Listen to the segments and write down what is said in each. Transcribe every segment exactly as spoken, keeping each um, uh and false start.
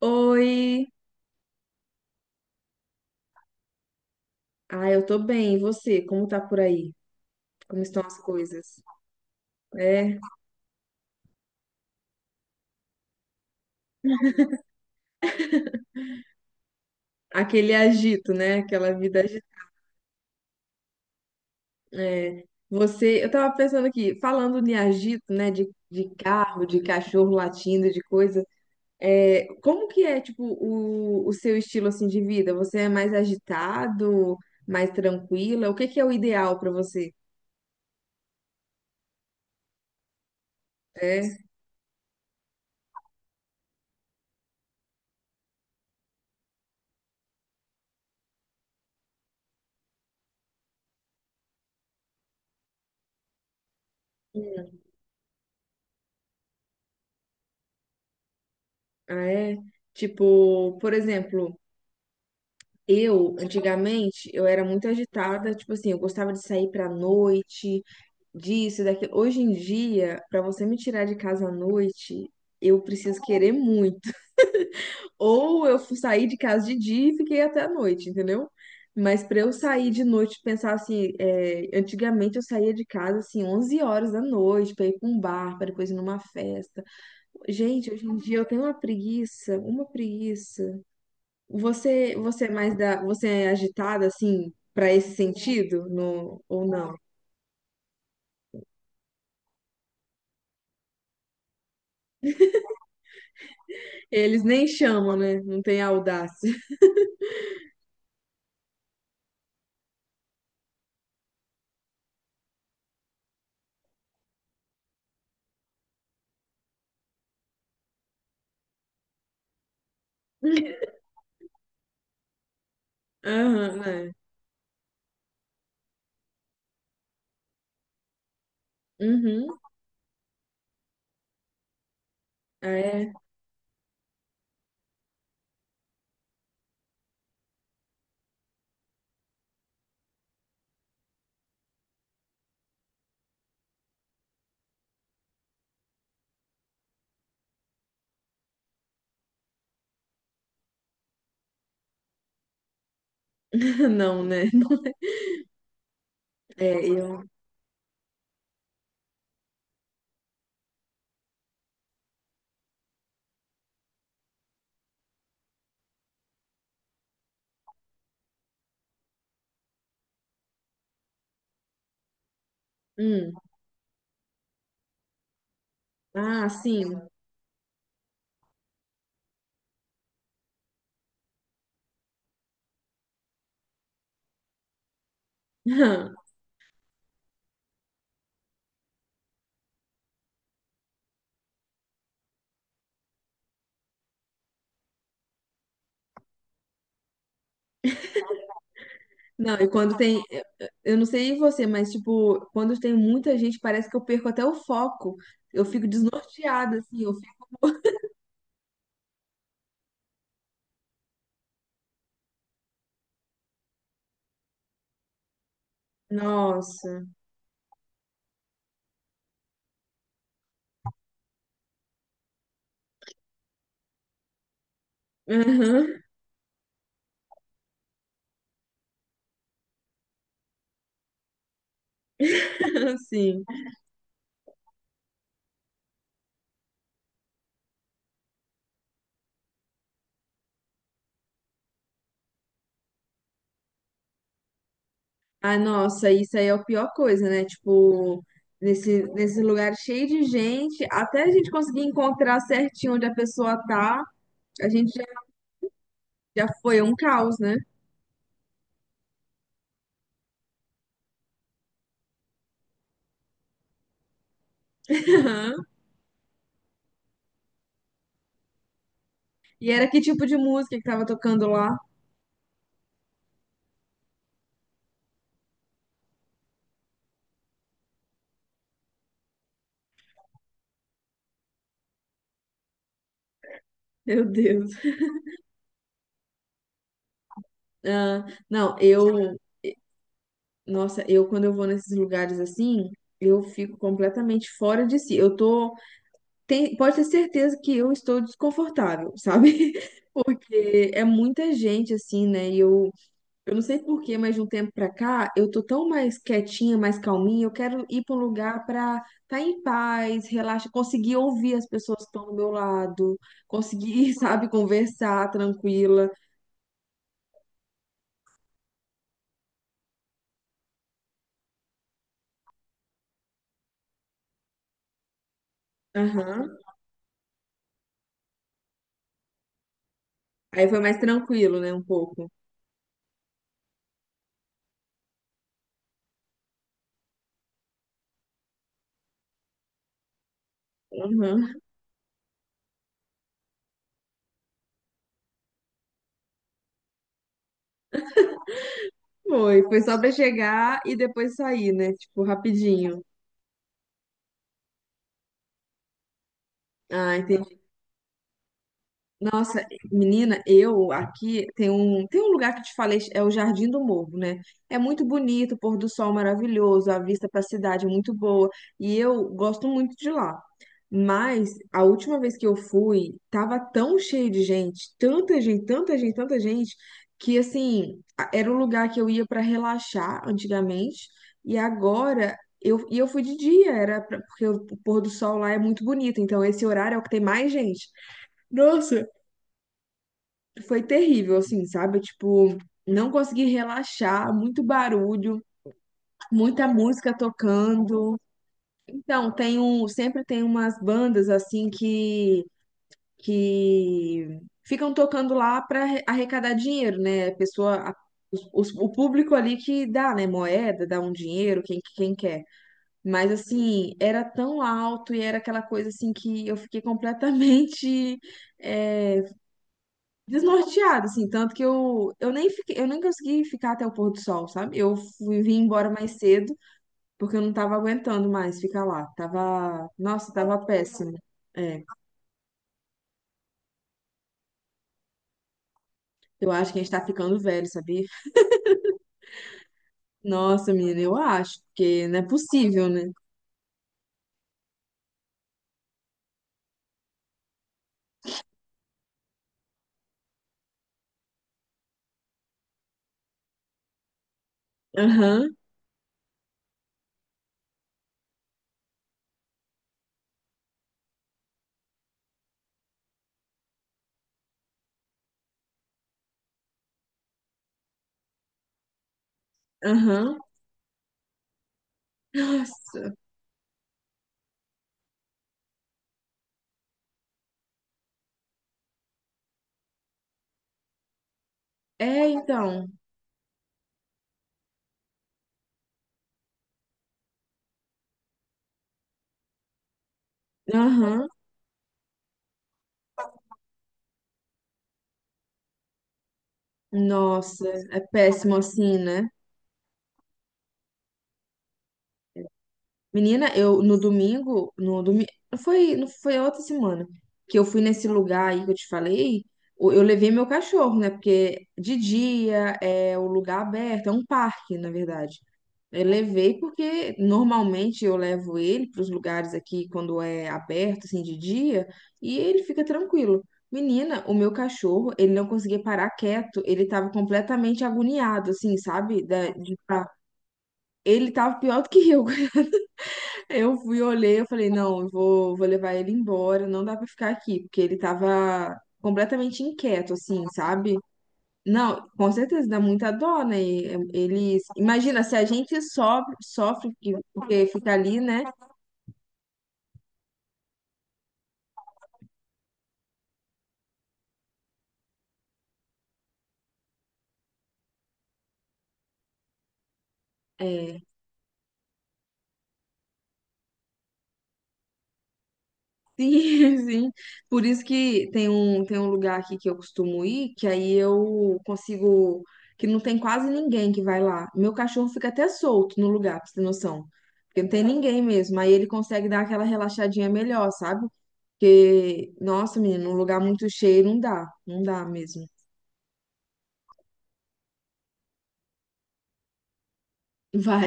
Oi! Ah, eu tô bem. E você? Como tá por aí? Como estão as coisas? É, aquele agito, né? Aquela vida agitada. É, você, eu tava pensando aqui, falando de agito, né? De, de carro, de cachorro latindo, de coisa. É, como que é, tipo, o, o seu estilo, assim, de vida? Você é mais agitado, mais tranquila? O que que é o ideal pra você? É? Ah, é? Tipo, por exemplo. Eu, antigamente, eu era muito agitada, tipo assim, eu gostava de sair pra noite, disso, e daquilo. Hoje em dia, pra você me tirar de casa à noite, eu preciso querer muito. Ou eu fu- saí de casa de dia e fiquei até a noite, entendeu? Mas pra eu sair de noite, pensar assim, é, antigamente eu saía de casa assim onze horas da noite pra ir pra um bar, pra depois ir numa festa. Gente, hoje em dia eu tenho uma preguiça, uma preguiça. Você, você é mais da, você é agitada assim para esse sentido, no, ou não? Eles nem chamam, né? Não tem audácia. Aham, né? Uhum. É. Não, né? É, eu. Hum. Ah, sim. Não, e quando tem. Eu não sei você, mas, tipo, quando tem muita gente, parece que eu perco até o foco. Eu fico desnorteada, assim. Eu fico. Nossa. Aham. Sim. Ah, nossa, isso aí é a pior coisa, né? Tipo, nesse, nesse lugar cheio de gente, até a gente conseguir encontrar certinho onde a pessoa tá, a gente já, já foi é um caos, né? E era que tipo de música que tava tocando lá? Meu Deus. Ah, não, eu, nossa, eu quando eu vou nesses lugares assim, eu fico completamente fora de si. Eu tô, tem, pode ter certeza que eu estou desconfortável, sabe? Porque é muita gente assim, né? E eu Eu não sei por quê, mas de um tempo pra cá, eu tô tão mais quietinha, mais calminha. Eu quero ir pra um lugar pra estar, tá em paz, relaxa, conseguir ouvir as pessoas que estão do meu lado, conseguir, sabe, conversar tranquila. Aham. Aí foi mais tranquilo, né, um pouco. Aham. Foi, foi só pra chegar e depois sair, né, tipo, rapidinho. Ah, entendi. Nossa, menina, eu aqui tem um, tem um lugar que te falei, é o Jardim do Morro, né? É muito bonito, o pôr do sol maravilhoso, a vista para a cidade é muito boa, e eu gosto muito de lá. Mas a última vez que eu fui, tava tão cheio de gente, tanta gente, tanta gente, tanta gente, que assim, a- era um lugar que eu ia para relaxar antigamente, e agora eu, e eu fui de dia, era pra- porque o pôr do sol lá é muito bonito, então esse horário é o que tem mais gente. Nossa, foi terrível, assim, sabe? Tipo, não consegui relaxar, muito barulho, muita música tocando. Então, tem um, sempre tem umas bandas assim que que ficam tocando lá para arrecadar dinheiro, né? A pessoa a- os- os- o público ali que dá, né, moeda, dá um dinheiro, quem, quem quer. Mas assim, era tão alto e era aquela coisa assim que eu fiquei completamente eh, desnorteada, assim, tanto que eu, eu nem fiquei, eu nem consegui ficar até o pôr do sol, sabe? Eu fui, vim embora mais cedo, porque eu não tava aguentando mais ficar lá. Tava, nossa, tava péssimo. É, eu acho que a gente tá ficando velho, sabia? Nossa, menina, eu acho, porque não é possível, né? Aham, aham. Nossa. É, então. Aham. Nossa, é péssimo assim, né? Menina, eu no domingo, no domingo, foi, não foi outra semana que eu fui nesse lugar aí que eu te falei, o- eu levei meu cachorro, né? Porque de dia é o lugar aberto, é um parque, na verdade. Eu levei porque normalmente eu levo ele para os lugares aqui quando é aberto, assim, de dia, e ele fica tranquilo. Menina, o meu cachorro, ele não conseguia parar quieto, ele estava completamente agoniado, assim, sabe? Da, de tá, ele tava pior do que eu. coitado. Eu fui, olhei, eu falei, não, eu vou, vou levar ele embora, não dá pra ficar aqui, porque ele tava completamente inquieto, assim, sabe? Não, com certeza dá muita dó, né? E, é, eles, imagina, se a gente sofre, sofre que- porque fica ali, né? É, sim, sim. Por isso que tem um, tem um lugar aqui que eu costumo ir, que aí eu consigo, que não tem quase ninguém que vai lá. Meu cachorro fica até solto no lugar, pra você ter noção. Porque não tem ninguém mesmo. Aí ele consegue dar aquela relaxadinha melhor, sabe? Porque, nossa, menino, um lugar muito cheio não dá, não dá mesmo. Vai.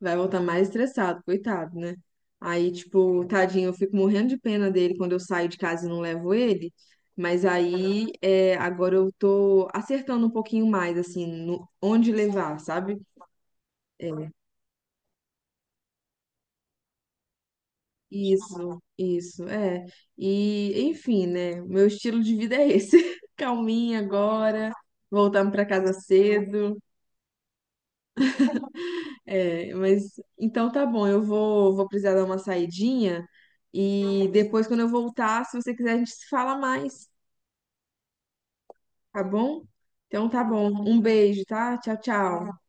Vai voltar mais estressado, coitado, né? Aí, tipo, tadinho, eu fico morrendo de pena dele quando eu saio de casa e não levo ele. Mas aí, é, agora eu tô acertando um pouquinho mais, assim, no, onde levar, sabe? É, Isso, isso, é. E, enfim, né? Meu estilo de vida é esse. Calminha agora, voltando pra casa cedo. É, mas então tá bom, eu vou, vou precisar dar uma saidinha e depois, quando eu voltar, se você quiser, a gente se fala mais, tá bom? Então tá bom, um beijo, tá? Tchau, tchau.